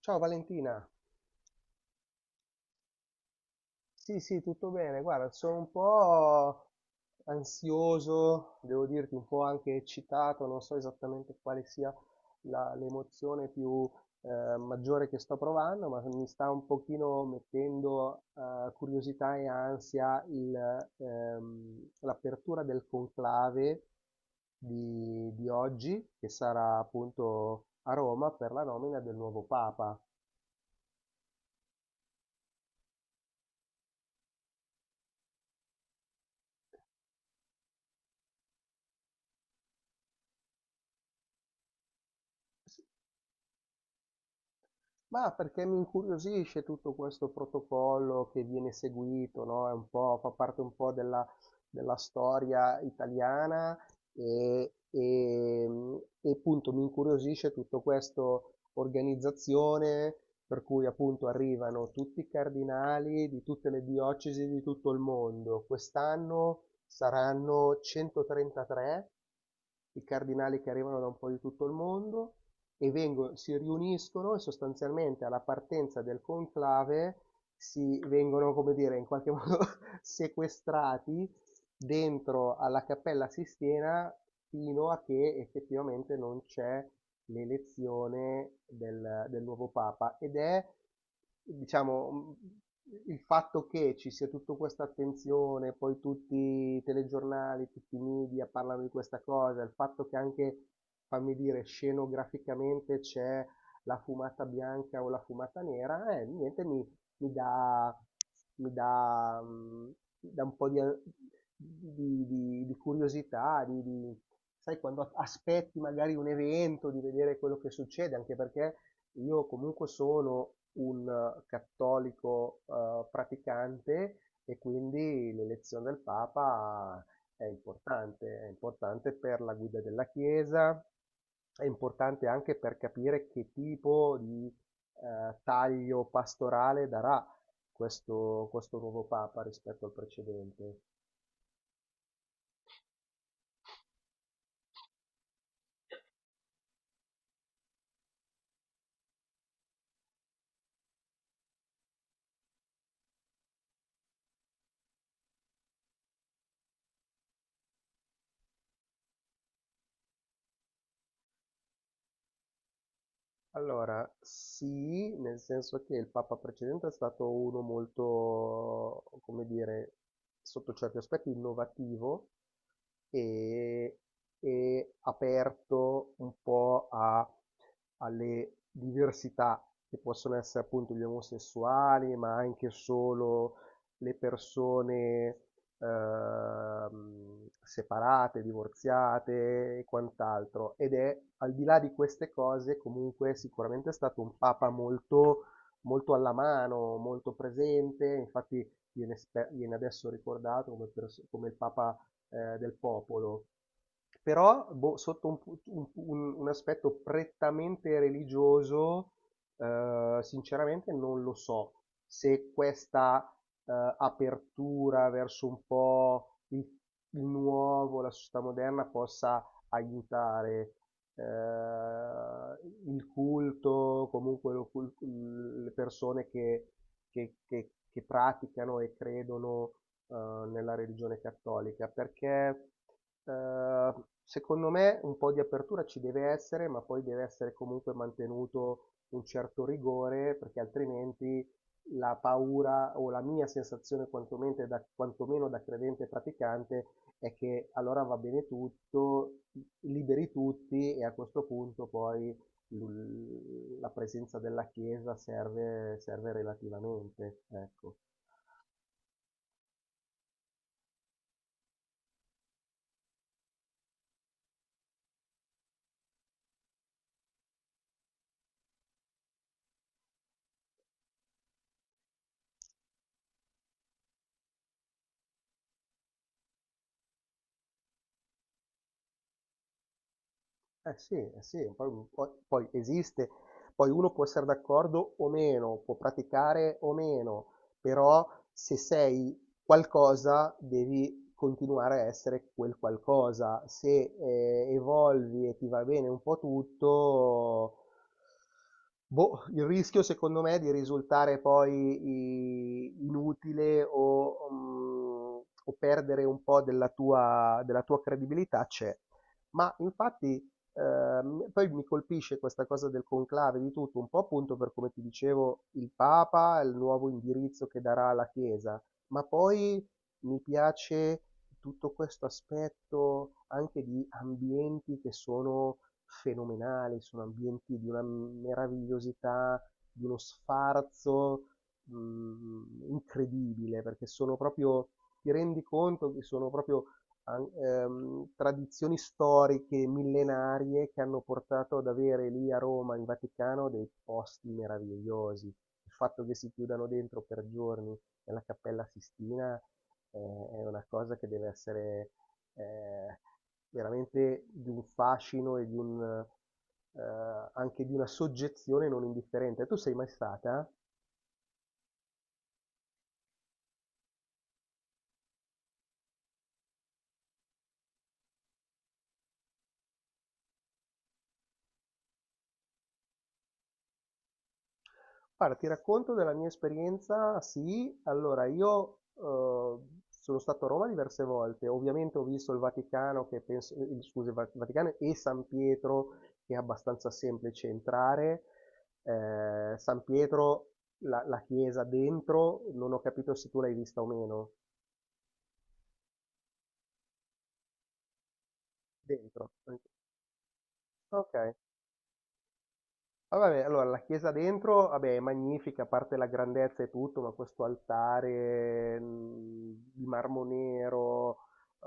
Ciao Valentina, sì sì, tutto bene, guarda, sono un po' ansioso, devo dirti un po' anche eccitato, non so esattamente quale sia l'emozione più maggiore che sto provando, ma mi sta un pochino mettendo curiosità e ansia l'apertura del conclave di oggi, che sarà appunto a Roma per la nomina del nuovo Papa. Ma perché mi incuriosisce tutto questo protocollo che viene seguito, no? È un po', fa parte un po' della storia italiana e, e, mm, e appunto mi incuriosisce tutto questo organizzazione per cui appunto arrivano tutti i cardinali di tutte le diocesi di tutto il mondo. Quest'anno saranno 133 i cardinali che arrivano da un po' di tutto il mondo e si riuniscono e sostanzialmente alla partenza del conclave si vengono, come dire, in qualche modo sequestrati dentro alla Cappella Sistina fino a che effettivamente non c'è l'elezione del nuovo Papa ed è diciamo, il fatto che ci sia tutta questa attenzione, poi tutti i telegiornali, tutti i media parlano di questa cosa, il fatto che anche, fammi dire, scenograficamente c'è la fumata bianca o la fumata nera, niente, mi dà, mi dà, mhmm, mi dà un po' di curiosità, sai, quando aspetti magari un evento, di vedere quello che succede, anche perché io comunque sono un cattolico, praticante e quindi l'elezione del Papa è importante per la guida della Chiesa, è importante anche per capire che tipo di taglio pastorale darà questo nuovo Papa rispetto al precedente. Allora, sì, nel senso che il Papa precedente è stato uno molto, come dire, sotto certi aspetti innovativo, e, e aperto un po' alle diversità che possono essere appunto gli omosessuali, ma anche solo le persone separate, divorziate e quant'altro. Ed è al di là di queste cose, comunque sicuramente è stato un papa molto, molto alla mano, molto presente, infatti viene, viene adesso ricordato come, come il papa del popolo. Però boh, sotto un, pu- un aspetto prettamente religioso, sinceramente non lo so se questa apertura verso un po' il nuovo, la società moderna possa aiutare eh, il culto, comunque le persone che praticano e credono nella religione cattolica, perché eh, secondo me un po' di apertura ci deve essere, ma poi deve essere comunque mantenuto un certo rigore, perché altrimenti la paura o la mia sensazione quantomeno quantomeno da credente e praticante è che allora va bene tutto, liberi tutti e a questo punto poi la presenza della Chiesa serve, serve relativamente, ecco. Sì, eh sì, poi esiste poi uno può essere d'accordo o meno, può praticare o meno, però se sei qualcosa devi continuare a essere quel qualcosa. Se evolvi e ti va bene un po' tutto, boh, il rischio secondo me è di risultare poi inutile o o perdere un po' della tua credibilità c'è. Ma infatti poi mi colpisce questa cosa del conclave di tutto, un po' appunto per come ti dicevo il Papa, il nuovo indirizzo che darà alla Chiesa, ma poi mi piace tutto questo aspetto anche di ambienti che sono fenomenali, sono ambienti di una meravigliosità, di uno sfarzo incredibile, perché sono proprio, ti rendi conto che sono proprio tradizioni storiche millenarie che hanno portato ad avere lì a Roma, in Vaticano, dei posti meravigliosi. Il fatto che si chiudano dentro per giorni nella Cappella Sistina è una cosa che deve essere eh, veramente di un fascino e di un, eh, anche di una soggezione non indifferente. Tu sei mai stata? Guarda, ti racconto della mia esperienza, sì, allora io sono stato a Roma diverse volte, ovviamente ho visto il Vaticano, che penso, scusi, il Vaticano e San Pietro, che è abbastanza semplice entrare. San Pietro, la chiesa dentro, non ho capito se tu l'hai vista o meno, dentro. Ok, ah, vabbè, allora la chiesa dentro, vabbè, è magnifica, a parte la grandezza e tutto, ma questo altare di marmo nero,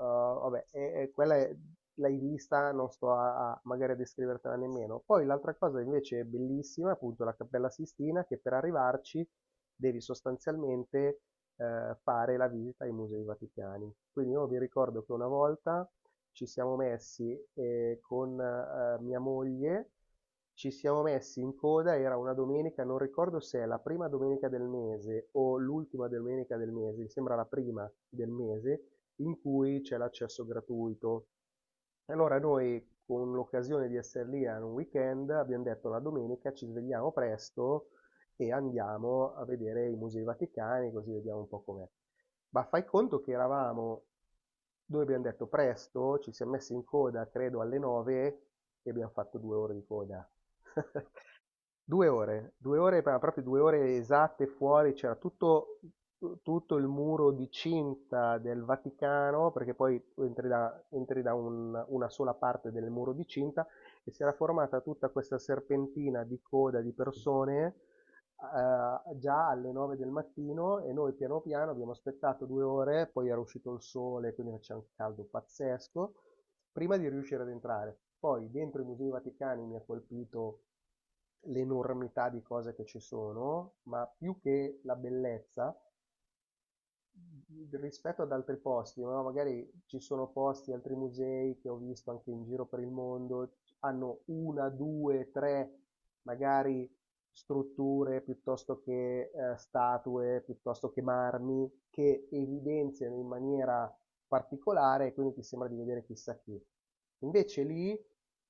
vabbè, quella l'hai vista, non sto magari a descrivertela nemmeno. Poi l'altra cosa invece è bellissima, appunto la Cappella Sistina, che per arrivarci devi sostanzialmente fare la visita ai musei vaticani. Quindi io vi ricordo che una volta ci siamo messi con mia moglie, ci siamo messi in coda, era una domenica, non ricordo se è la prima domenica del mese o l'ultima domenica del mese, mi sembra la prima del mese, in cui c'è l'accesso gratuito. Allora noi, con l'occasione di essere lì a un weekend, abbiamo detto la domenica ci svegliamo presto e andiamo a vedere i musei vaticani, così vediamo un po' com'è. Ma fai conto che eravamo, noi abbiamo detto presto, ci siamo messi in coda, credo, alle 9 e abbiamo fatto due ore di coda. Due ore, ma proprio due ore esatte fuori, c'era tutto, tutto il muro di cinta del Vaticano, perché poi tu entri da, una sola parte del muro di cinta e si era formata tutta questa serpentina di coda di persone già alle 9 del mattino e noi piano piano abbiamo aspettato due ore, poi era uscito il sole, quindi faceva un caldo pazzesco, prima di riuscire ad entrare. Poi dentro i Musei Vaticani mi ha colpito l'enormità di cose che ci sono, ma più che la bellezza, rispetto ad altri posti, no, magari ci sono posti, altri musei che ho visto anche in giro per il mondo, hanno una, due, tre magari strutture piuttosto che statue, piuttosto che marmi, che evidenziano in maniera particolare e quindi ti sembra di vedere chissà chi. Invece lì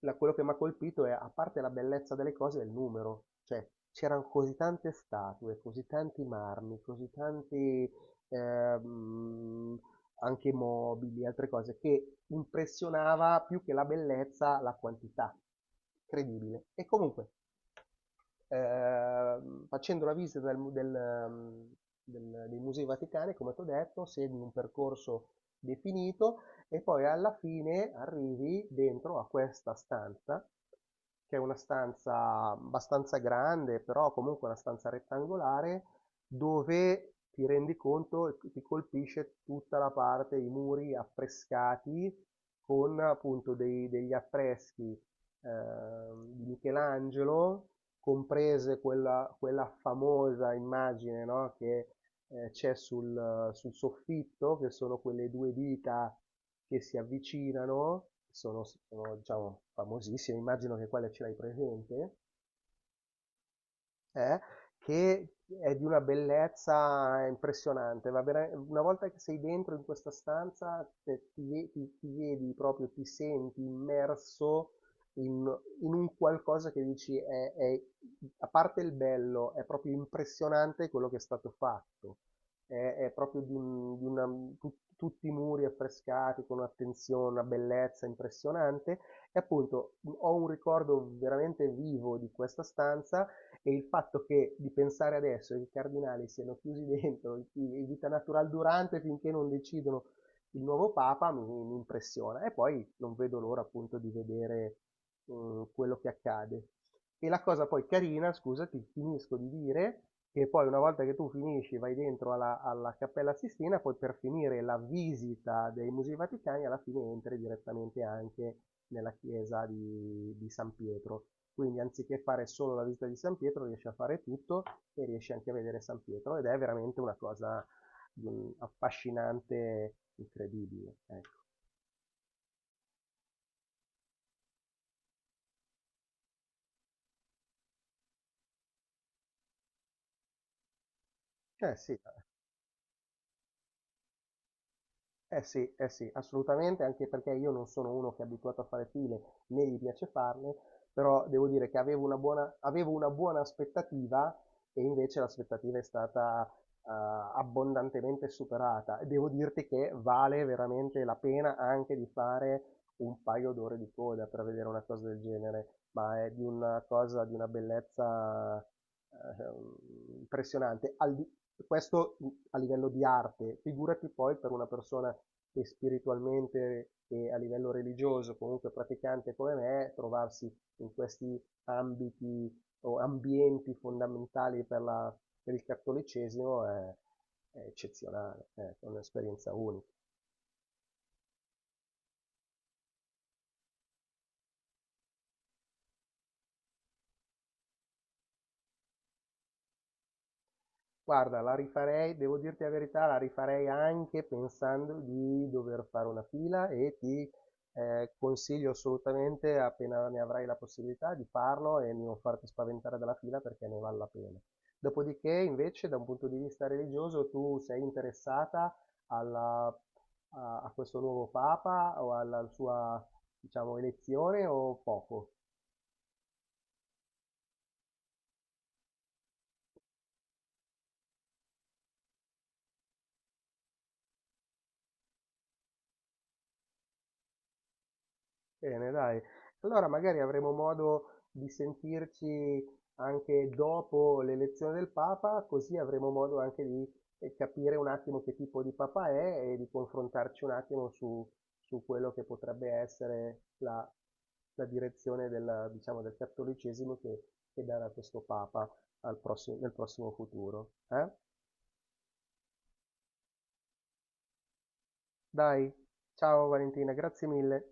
quello che mi ha colpito è, a parte la bellezza delle cose, è il numero, cioè c'erano così tante statue, così tanti marmi, così tanti ehm, anche mobili, altre cose, che impressionava più che la bellezza, la quantità. Incredibile. E comunque, facendo la visita del mu- del, del- dei musei vaticani, come ti ho detto, segui un percorso definito e poi alla fine arrivi dentro a questa stanza, che è una stanza abbastanza grande, però comunque una stanza rettangolare, dove ti rendi conto e ti colpisce tutta la parte, i muri affrescati con appunto degli affreschi di Michelangelo, comprese quella, quella famosa immagine, no, che c'è sul soffitto, che sono quelle due dita che si avvicinano, diciamo, famosissime, immagino che quella ce l'hai presente eh, che è di una bellezza impressionante. Va bene? Una volta che sei dentro in questa stanza, ti vedi proprio, ti senti immerso in, in un qualcosa che dici, a parte il bello, è proprio impressionante quello che è stato fatto. È proprio di una, tutti i muri affrescati con un'attenzione, una bellezza impressionante. E appunto ho un ricordo veramente vivo di questa stanza e il fatto che di pensare adesso che i cardinali siano chiusi dentro vita natural durante finché non decidono il nuovo Papa mi impressiona. E poi non vedo l'ora appunto di vedere quello che accade. E la cosa poi carina, scusati, finisco di dire, che poi una volta che tu finisci, vai dentro alla, alla Cappella Sistina, poi per finire la visita dei Musei Vaticani, alla fine entri direttamente anche nella chiesa di San Pietro. Quindi anziché fare solo la visita di San Pietro, riesci a fare tutto e riesci anche a vedere San Pietro ed è veramente una cosa affascinante, incredibile. Ecco. Eh sì, eh sì, eh sì, assolutamente, anche perché io non sono uno che è abituato a fare file, né gli piace farle, però devo dire che avevo una buona aspettativa e invece l'aspettativa è stata eh, abbondantemente superata e devo dirti che vale veramente la pena anche di fare un paio d'ore di coda per vedere una cosa del genere, ma è di una cosa di una bellezza impressionante. Questo a livello di arte, figurati poi per una persona che spiritualmente e a livello religioso, comunque praticante come me, trovarsi in questi ambiti o ambienti fondamentali per la per il cattolicesimo è eccezionale, ecco, è un'esperienza unica. Guarda, la rifarei, devo dirti la verità, la rifarei anche pensando di dover fare una fila e ti consiglio assolutamente, appena ne avrai la possibilità, di farlo e non farti spaventare dalla fila perché ne vale la pena. Dopodiché, invece, da un punto di vista religioso, tu sei interessata alla- a, a questo nuovo Papa o alla sua, diciamo, elezione o poco? Bene, dai. Allora magari avremo modo di sentirci anche dopo l'elezione del Papa, così avremo modo anche di capire un attimo che tipo di Papa è e di confrontarci un attimo su, su quello che potrebbe essere la, la direzione diciamo, del cattolicesimo che darà questo Papa nel prossimo futuro. Eh? Dai, ciao Valentina, grazie mille.